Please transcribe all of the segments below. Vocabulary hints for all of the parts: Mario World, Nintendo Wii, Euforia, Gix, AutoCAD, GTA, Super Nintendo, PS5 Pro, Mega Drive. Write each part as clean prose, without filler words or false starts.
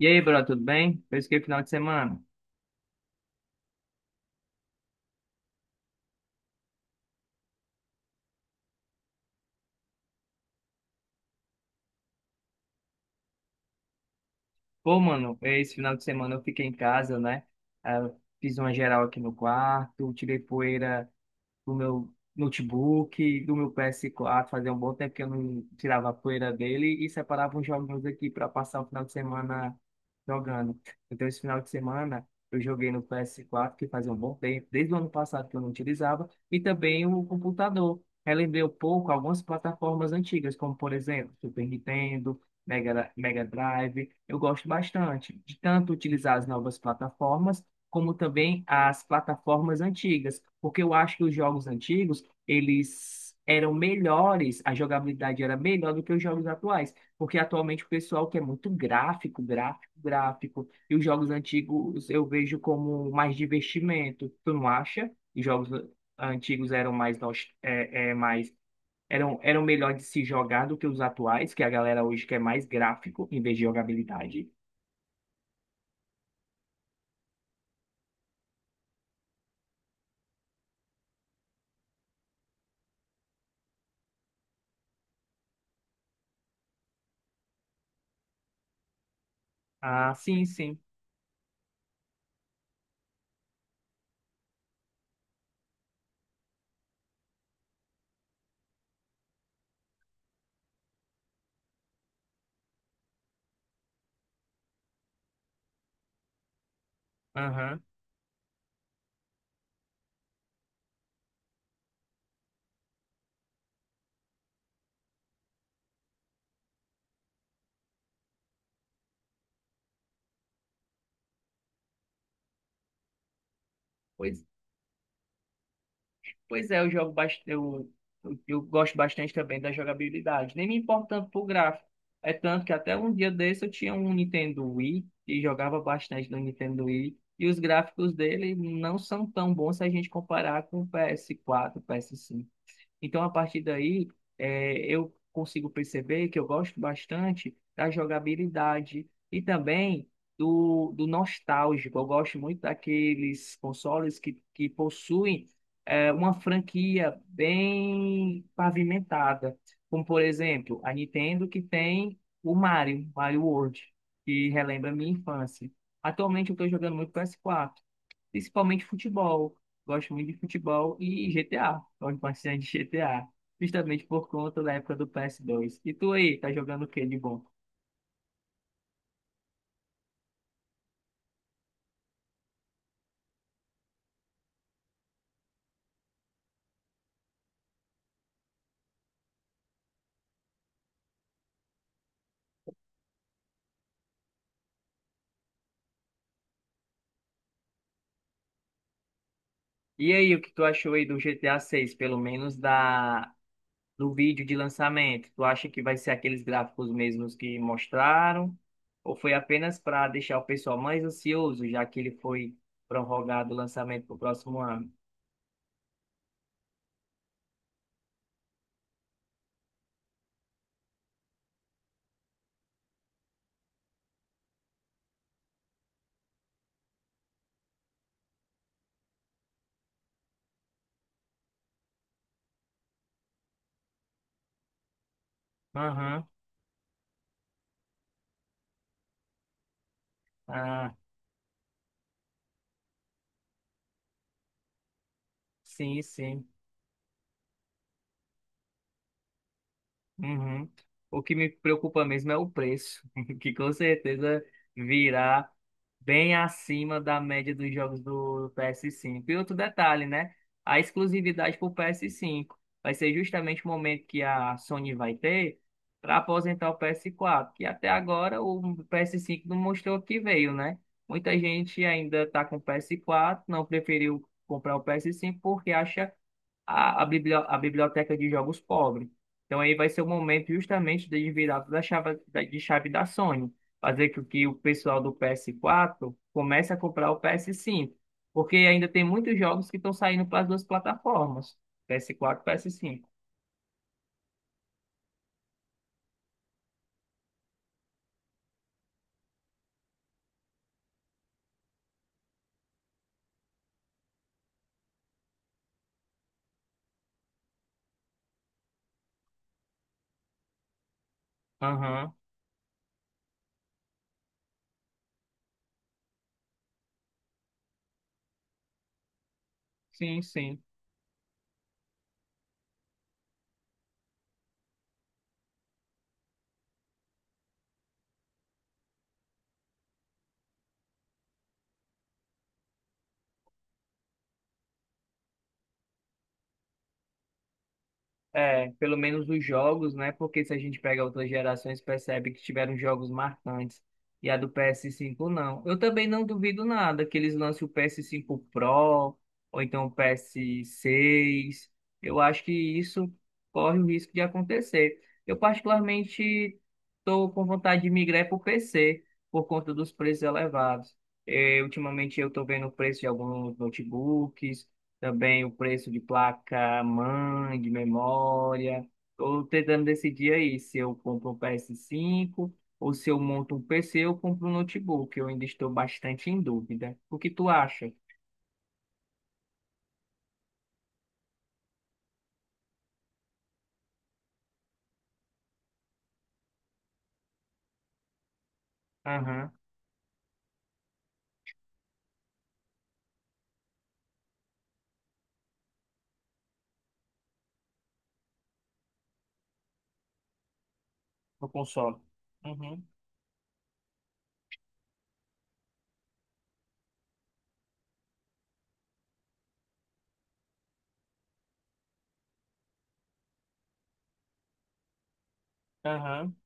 E aí, bro, tudo bem? Fez o que final de semana? Pô, mano, esse final de semana eu fiquei em casa, né? Ah, fiz uma geral aqui no quarto, tirei poeira do meu notebook, do meu PS4, fazia um bom tempo que eu não tirava a poeira dele e separava uns joguinhos aqui para passar o final de semana jogando. Então, esse final de semana eu joguei no PS4, que fazia um bom tempo, desde o ano passado que eu não utilizava, e também o computador. Relembrei um pouco algumas plataformas antigas, como por exemplo, Super Nintendo, Mega Drive. Eu gosto bastante de tanto utilizar as novas plataformas como também as plataformas antigas, porque eu acho que os jogos antigos, eles eram melhores, a jogabilidade era melhor do que os jogos atuais, porque atualmente o pessoal quer muito gráfico, gráfico, gráfico, e os jogos antigos eu vejo como mais divertimento, tu não acha? Os jogos antigos eram mais, mais eram melhor de se jogar do que os atuais, que a galera hoje quer mais gráfico em vez de jogabilidade. Ah, sim, sim. Aham. Pois Pois é, eu jogo bastante, eu gosto bastante também da jogabilidade. Nem me importo tanto pro gráfico. É tanto que até um dia desse eu tinha um Nintendo Wii e jogava bastante no Nintendo Wii. E os gráficos dele não são tão bons se a gente comparar com o PS4, PS5. Então, a partir daí, eu consigo perceber que eu gosto bastante da jogabilidade e também do nostálgico. Eu gosto muito daqueles consoles que possuem uma franquia bem pavimentada, como, por exemplo, a Nintendo, que tem o Mario, Mario World, que relembra a minha infância. Atualmente, eu estou jogando muito PS4. Principalmente futebol. Gosto muito de futebol e GTA. Gosto bastante de GTA. Justamente por conta da época do PS2. E tu aí, tá jogando o que de bom? E aí, o que tu achou aí do GTA 6, pelo menos da do vídeo de lançamento? Tu acha que vai ser aqueles gráficos mesmos que mostraram? Ou foi apenas para deixar o pessoal mais ansioso, já que ele foi prorrogado o lançamento para o próximo ano? Aham. Ah, sim, sim. Uhum. O que me preocupa mesmo é o preço, que com certeza virá bem acima da média dos jogos do PS5. E outro detalhe, né? A exclusividade para o PS5 vai ser justamente o momento que a Sony vai ter para aposentar o PS4, que até agora o PS5 não mostrou que veio, né? Muita gente ainda está com o PS4, não preferiu comprar o PS5 porque acha a biblioteca de jogos pobre. Então aí vai ser o momento justamente de virar toda a chave da Sony, fazer com que o pessoal do PS4 comece a comprar o PS5, porque ainda tem muitos jogos que estão saindo para as duas plataformas, PS4 e PS5. Aham, sim, sim. É, pelo menos os jogos, né? Porque se a gente pega outras gerações, percebe que tiveram jogos marcantes. E a do PS5 não. Eu também não duvido nada que eles lancem o PS5 Pro ou então o PS6. Eu acho que isso corre o risco de acontecer. Eu particularmente estou com vontade de migrar para o PC por conta dos preços elevados. Ultimamente eu estou vendo o preço de alguns notebooks também o preço de placa mãe, de memória. Estou tentando decidir aí se eu compro um PS5 ou se eu monto um PC ou compro um notebook. Eu ainda estou bastante em dúvida. O que tu acha? Aham, no console. Uhum, aham,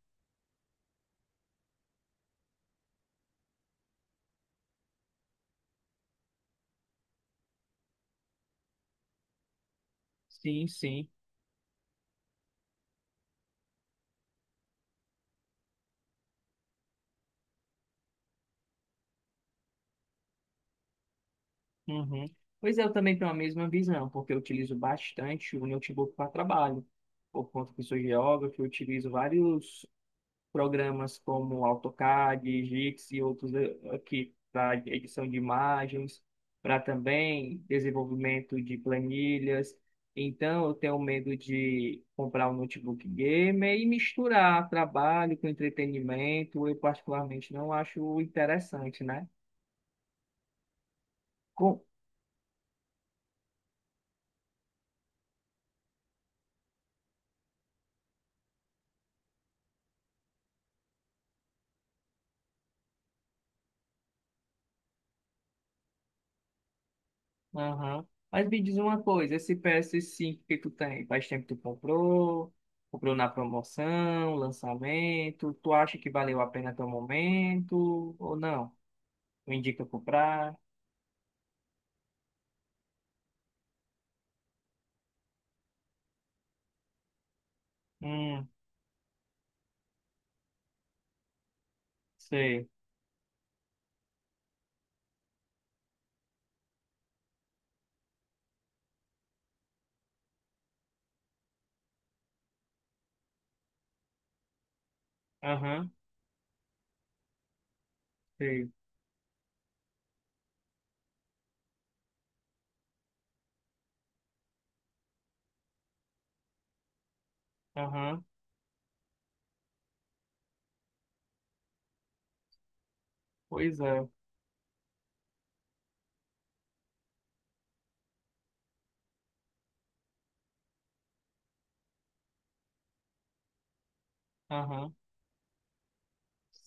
sim, sim. Uhum. Pois é, eu também tenho a mesma visão, porque eu utilizo bastante o notebook para trabalho. Por conta que sou geógrafo, eu utilizo vários programas como AutoCAD, Gix e outros aqui para edição de imagens, para também desenvolvimento de planilhas. Então, eu tenho medo de comprar um notebook gamer e misturar trabalho com entretenimento. Eu particularmente não acho interessante, né? Com- Aham. Mas me diz uma coisa, esse PS5 que tu tem, faz tempo que tu comprou, na promoção, lançamento, tu acha que valeu a pena até o momento ou não? Tu indica comprar? Hum, sei. Aham, sei. Aham, pois é. Aham.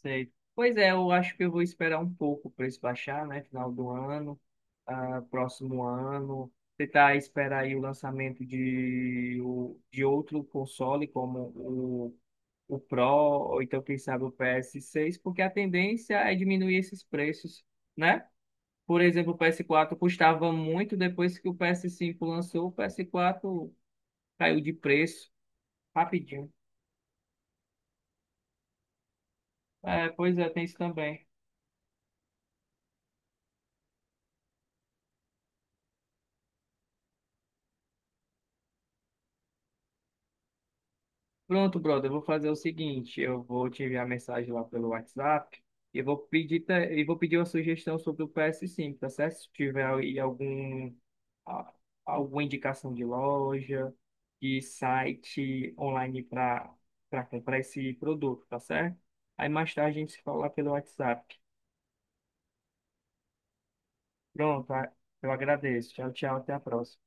Sei. Pois é, eu acho que eu vou esperar um pouco para isso baixar, né? Final do ano, ah, próximo ano. Tentar esperar aí o lançamento de, de outro console, como o Pro, ou então, quem sabe, o PS6, porque a tendência é diminuir esses preços, né? Por exemplo, o PS4 custava muito, depois que o PS5 lançou, o PS4 caiu de preço rapidinho. É, pois é, tem isso também. Pronto, brother, eu vou fazer o seguinte, eu vou te enviar mensagem lá pelo WhatsApp e vou pedir uma sugestão sobre o PS5, tá certo? Se tiver aí a- alguma indicação de loja, de site online para comprar esse produto, tá certo? Aí mais tarde a gente se fala lá pelo WhatsApp. Pronto, tá? Eu agradeço. Tchau, tchau, até a próxima.